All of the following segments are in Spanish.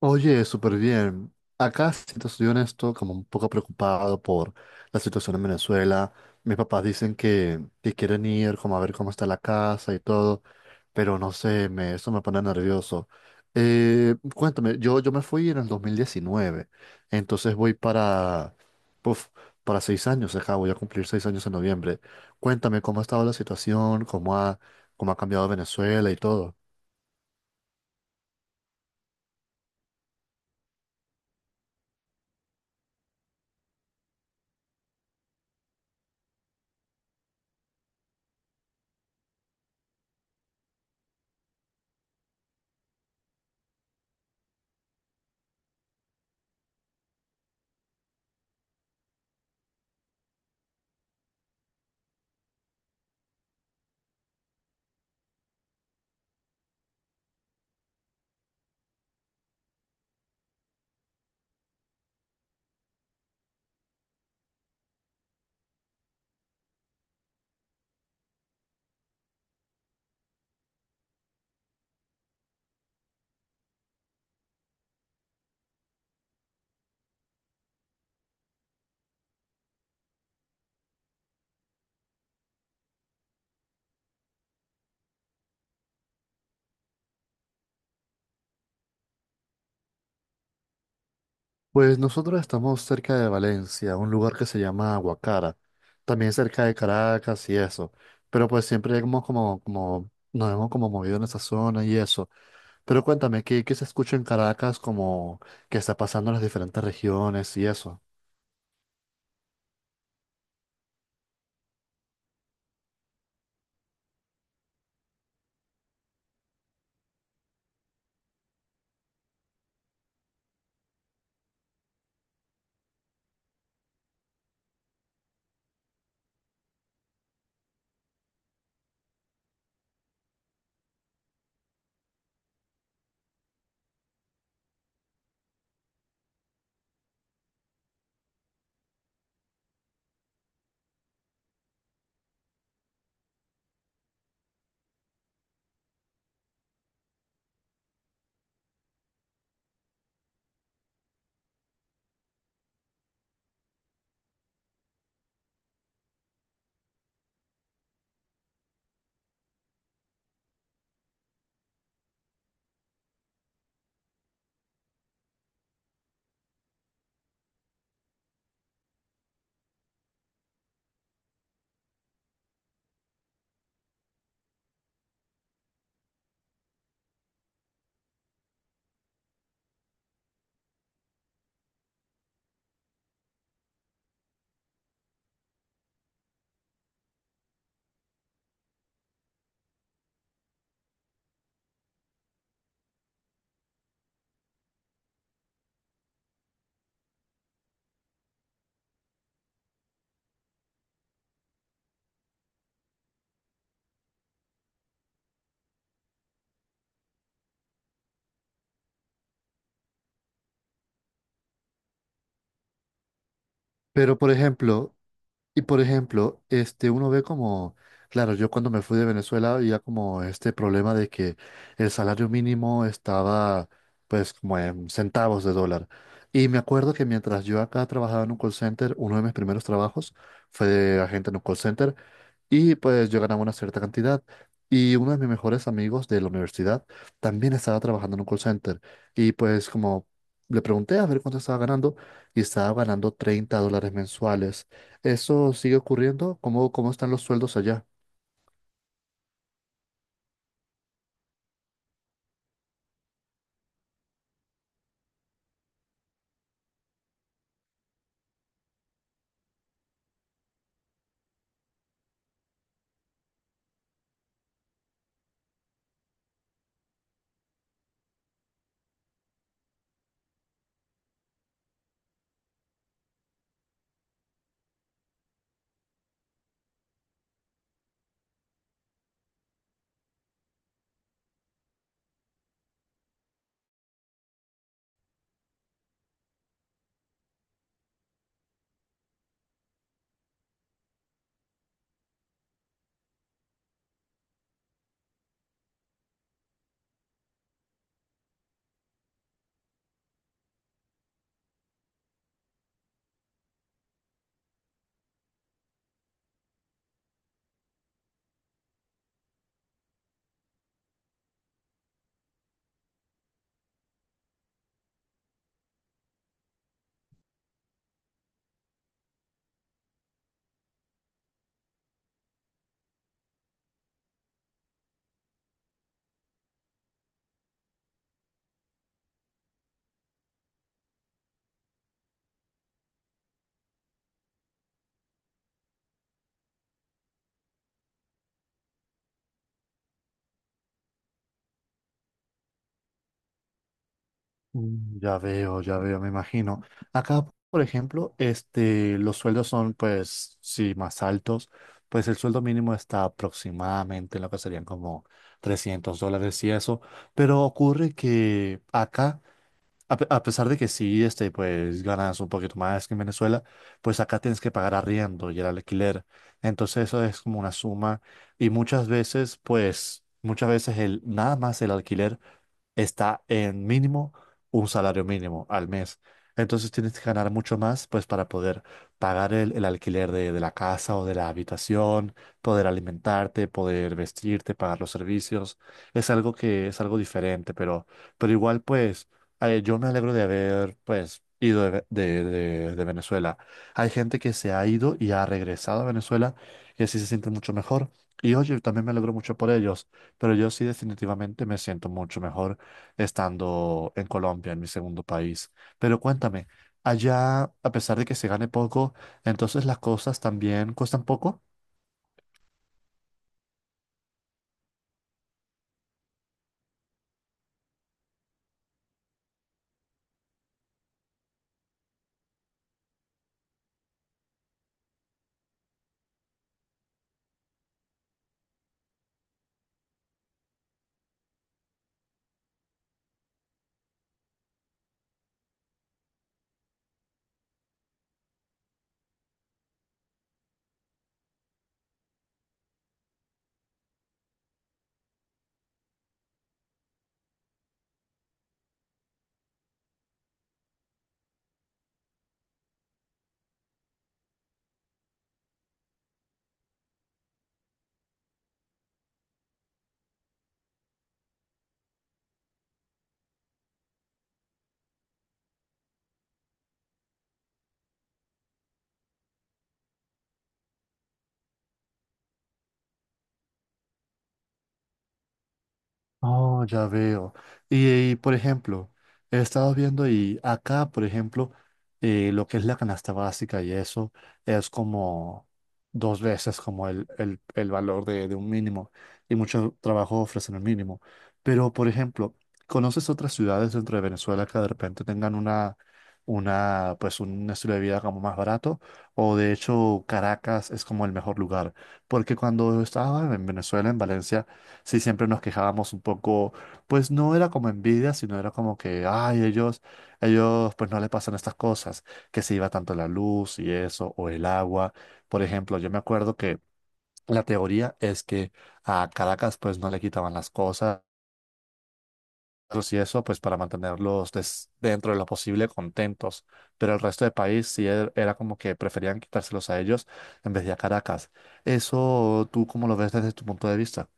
Oye, súper bien. Acá, si te soy honesto, como un poco preocupado por la situación en Venezuela. Mis papás dicen que quieren ir, como a ver cómo está la casa y todo, pero no sé, eso me pone nervioso. Cuéntame, yo me fui en el 2019, entonces voy puf, para 6 años acá, voy a cumplir 6 años en noviembre. Cuéntame cómo ha estado la situación, cómo ha cambiado Venezuela y todo. Pues nosotros estamos cerca de Valencia, un lugar que se llama Aguacara, también cerca de Caracas y eso, pero pues siempre nos hemos como movido en esa zona y eso. Pero cuéntame, ¿qué se escucha en Caracas como que está pasando en las diferentes regiones y eso? Pero por ejemplo, Y por ejemplo, uno ve claro, yo cuando me fui de Venezuela había como este problema de que el salario mínimo estaba pues como en centavos de dólar. Y me acuerdo que mientras yo acá trabajaba en un call center, uno de mis primeros trabajos fue de agente en un call center, y pues yo ganaba una cierta cantidad. Y uno de mis mejores amigos de la universidad también estaba trabajando en un call center. Y pues como le pregunté a ver cuánto estaba ganando y estaba ganando 30 dólares mensuales. ¿Eso sigue ocurriendo? ¿Cómo están los sueldos allá? Mm, ya veo, ya veo, me imagino. Acá, por ejemplo, los sueldos son, pues, sí, más altos. Pues el sueldo mínimo está aproximadamente en lo que serían como 300 dólares y eso. Pero ocurre que acá, a pesar de que sí, pues, ganas un poquito más que en Venezuela, pues acá tienes que pagar arriendo y el alquiler. Entonces eso es como una suma. Y muchas veces nada más el alquiler está en mínimo un salario mínimo al mes. Entonces tienes que ganar mucho más, pues para poder pagar el alquiler de la casa o de la habitación, poder alimentarte, poder vestirte, pagar los servicios. Es algo que es algo diferente, pero igual pues yo me alegro de haber pues ido de, Ve- de Venezuela. Hay gente que se ha ido y ha regresado a Venezuela y así se siente mucho mejor. Y oye, también me alegro mucho por ellos, pero yo sí definitivamente me siento mucho mejor estando en Colombia, en mi segundo país. Pero cuéntame, allá, a pesar de que se gane poco, entonces las cosas también cuestan poco. Oh, ya veo. Por ejemplo, he estado viendo y acá, por ejemplo, lo que es la canasta básica y eso es como dos veces como el valor de un mínimo y mucho trabajo ofrecen el mínimo. Pero, por ejemplo, ¿conoces otras ciudades dentro de Venezuela que de repente tengan pues un estilo de vida como más barato? O de hecho, Caracas es como el mejor lugar. Porque cuando estaba en Venezuela, en Valencia, sí siempre nos quejábamos un poco, pues no era como envidia, sino era como que, ay, ellos pues no le pasan estas cosas, que se iba tanto la luz y eso, o el agua. Por ejemplo, yo me acuerdo que la teoría es que a Caracas pues no le quitaban las cosas y eso pues para mantenerlos dentro de lo posible contentos, pero el resto del país sí era como que preferían quitárselos a ellos en vez de a Caracas. ¿Eso tú cómo lo ves desde tu punto de vista?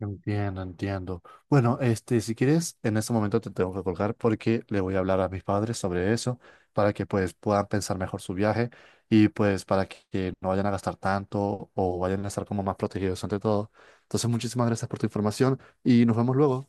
Entiendo, entiendo. Bueno, este, si quieres, en este momento te tengo que colgar porque le voy a hablar a mis padres sobre eso para que pues puedan pensar mejor su viaje y pues para que no vayan a gastar tanto o vayan a estar como más protegidos ante todo. Entonces, muchísimas gracias por tu información y nos vemos luego.